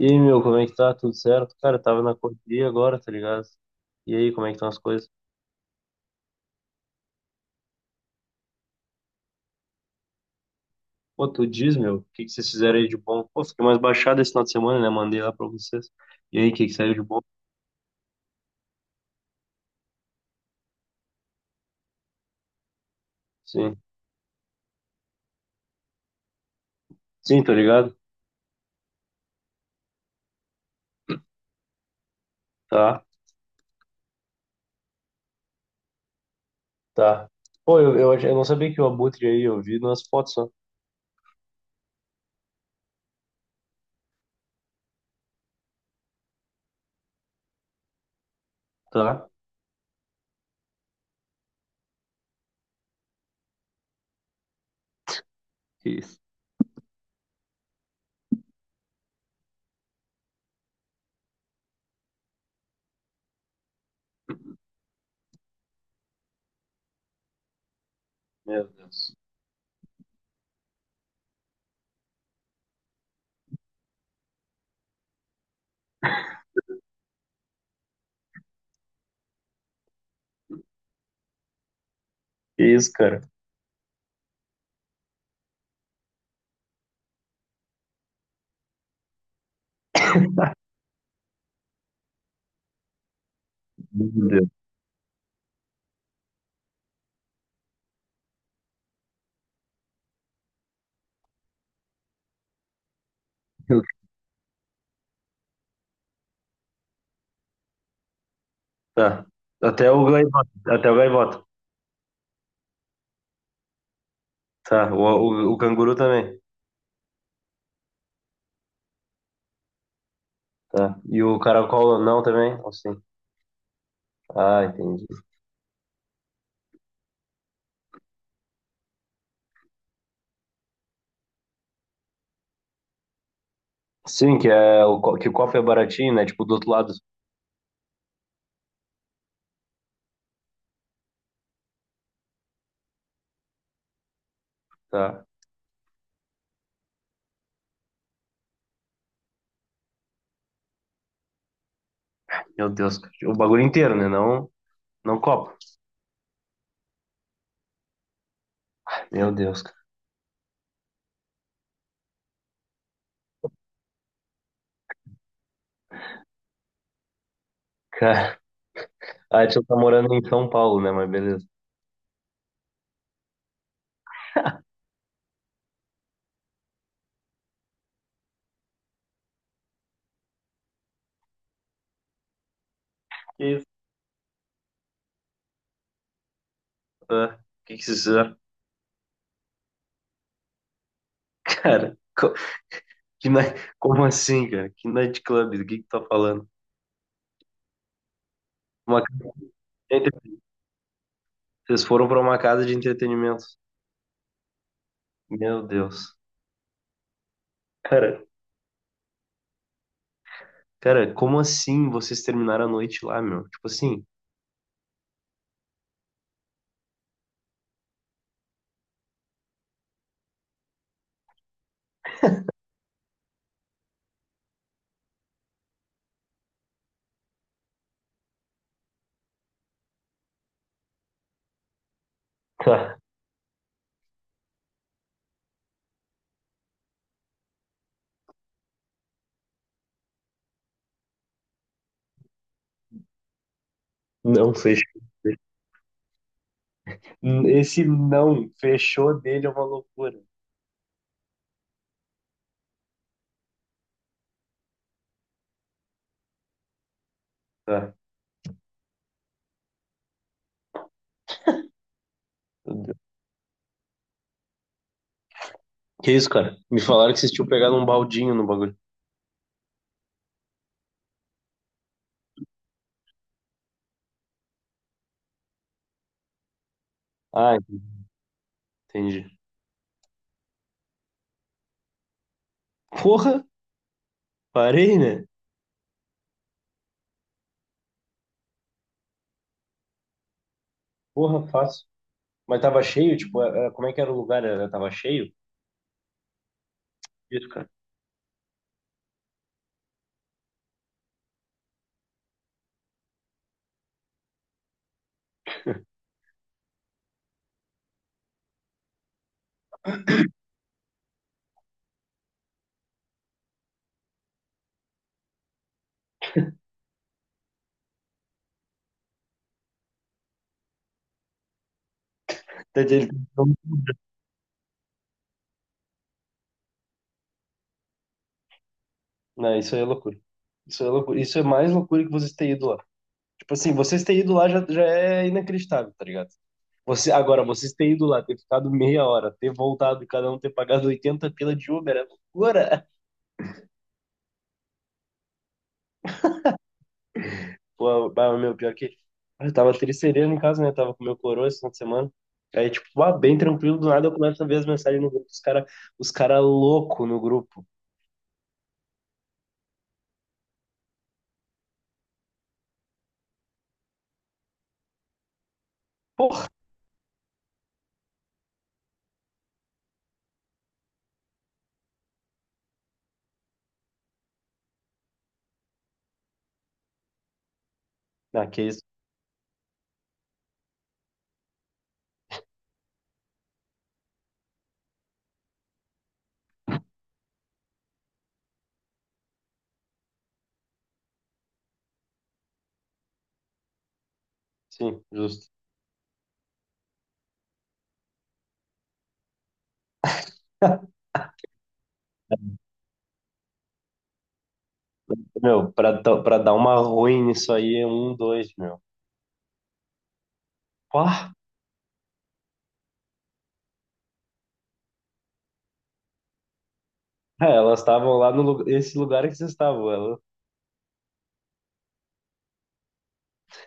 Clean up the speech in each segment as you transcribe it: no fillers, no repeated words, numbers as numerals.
E aí, meu, como é que tá? Tudo certo? Cara, eu tava na correria agora, tá ligado? E aí, como é que estão as coisas? Pô, tu diz, meu, o que que vocês fizeram aí de bom? Pô, fiquei mais baixado esse final de semana, né? Mandei lá pra vocês. E aí, o que que saiu de bom? Sim. Sim, tô ligado? Tá, tá. Pô, eu não sabia que o Abutre aí, eu vi nas fotos só. Tá. Que isso? Meu Deus. Que isso, cara? Meu Deus. Tá. Até o gaivota. Até o gaivota. Tá. O canguru também. Tá. E o caracol não também? Ou sim? Ah, entendi. Sim, que, é, que o copo é baratinho, né? Tipo, do outro lado. Tá. Meu Deus, cara. O bagulho inteiro, né? Não, não copo. Meu Deus, cara. Cara, a tia tá morando em São Paulo, né? Mas beleza. Que isso? Ah, que isso? é? Cara, como assim, cara? Que night club? Do que tu tá falando? Uma casa de entre- Vocês foram pra uma casa de entretenimento. Meu Deus. Cara, cara, como assim vocês terminaram a noite lá, meu? Tipo assim, tá, não sei. Esse não fechou dele é uma loucura. Tá, que isso, cara? Me falaram que vocês tinham pegado um baldinho no bagulho. Ah, entendi. Porra, parei, né? Porra, fácil. Mas tava cheio, tipo, como é que era o lugar? Era, tava cheio? Isso, cara. Entendi, não, isso aí é loucura. Isso é loucura. Isso é mais loucura que vocês terem ido lá. Tipo assim, vocês terem ido lá já, já é inacreditável, tá ligado? Você, agora, vocês terem ido lá, ter ficado meia hora, ter voltado e cada um ter pagado 80 pila de Uber, é loucura. Pô, bah, meu, pior que. Eu tava tricerendo em casa, né? Tava com meu coroa esse final de semana. Aí, tipo, ah, bem tranquilo, do nada eu começo a ver as mensagens no grupo, os cara louco no grupo. Porra, ah, que isso? Sim, justo. Meu, pra dar uma ruim nisso aí é um, dois, meu. Pá! É, elas estavam lá no lugar, esse lugar que vocês estavam. Elas,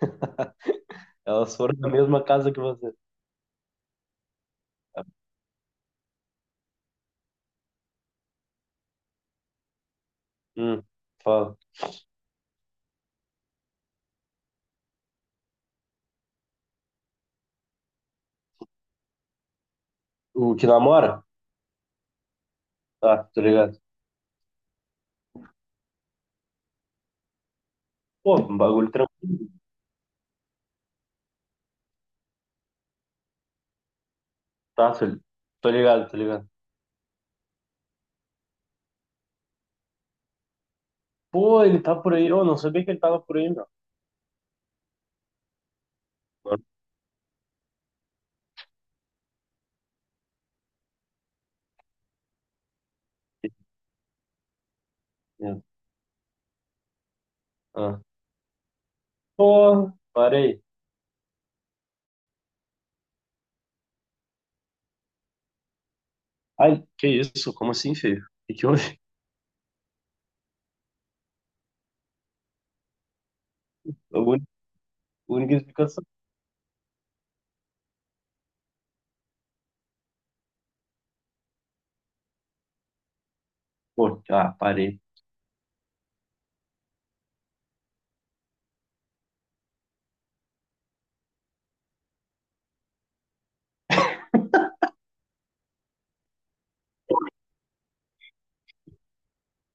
elas foram na mesma casa que vocês. Hum, fala. O que namora? Tá, tô ligado. Pô, um bagulho tranquilo. Tá, tô ligado, tô ligado. Pô, ele tá por aí. Eu não sabia que ele tava por aí, meu. Agora eu fiquei sabendo. Ah. Pô, parei. Ai, que isso? Como assim, feio? O que que houve? A única explicação. Pô, ah, parei.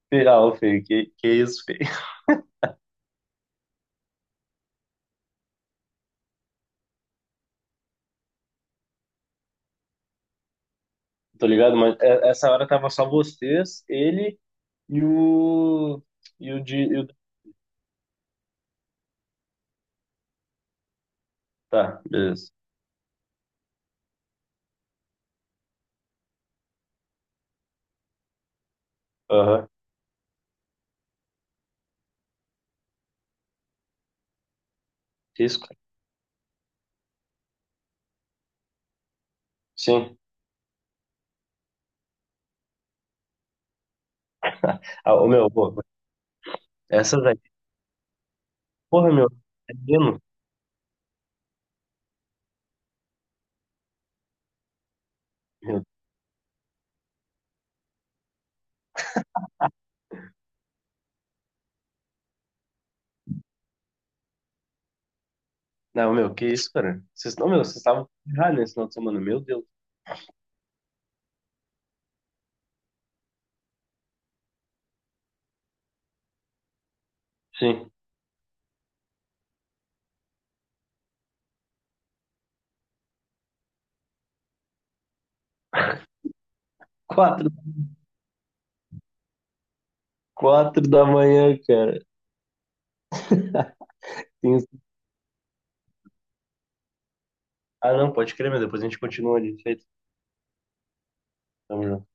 Feio, ah, ô, feio, que isso, feio? Tô ligado, mas essa hora tava só vocês, ele e o. E o de. Tá, beleza. Aham. Que isso, cara. Sim. Ah, ô, meu, pô, essas aí. Porra, meu, é pena, meu. Não, meu, que isso, cara? Vocês, não, meu, vocês estavam errados nesse final de semana, meu Deus. Sim. Quatro, quatro da manhã, cara. Tem- Ah, não, pode crer, meu. Depois a gente continua ali. Feito. Tamo junto.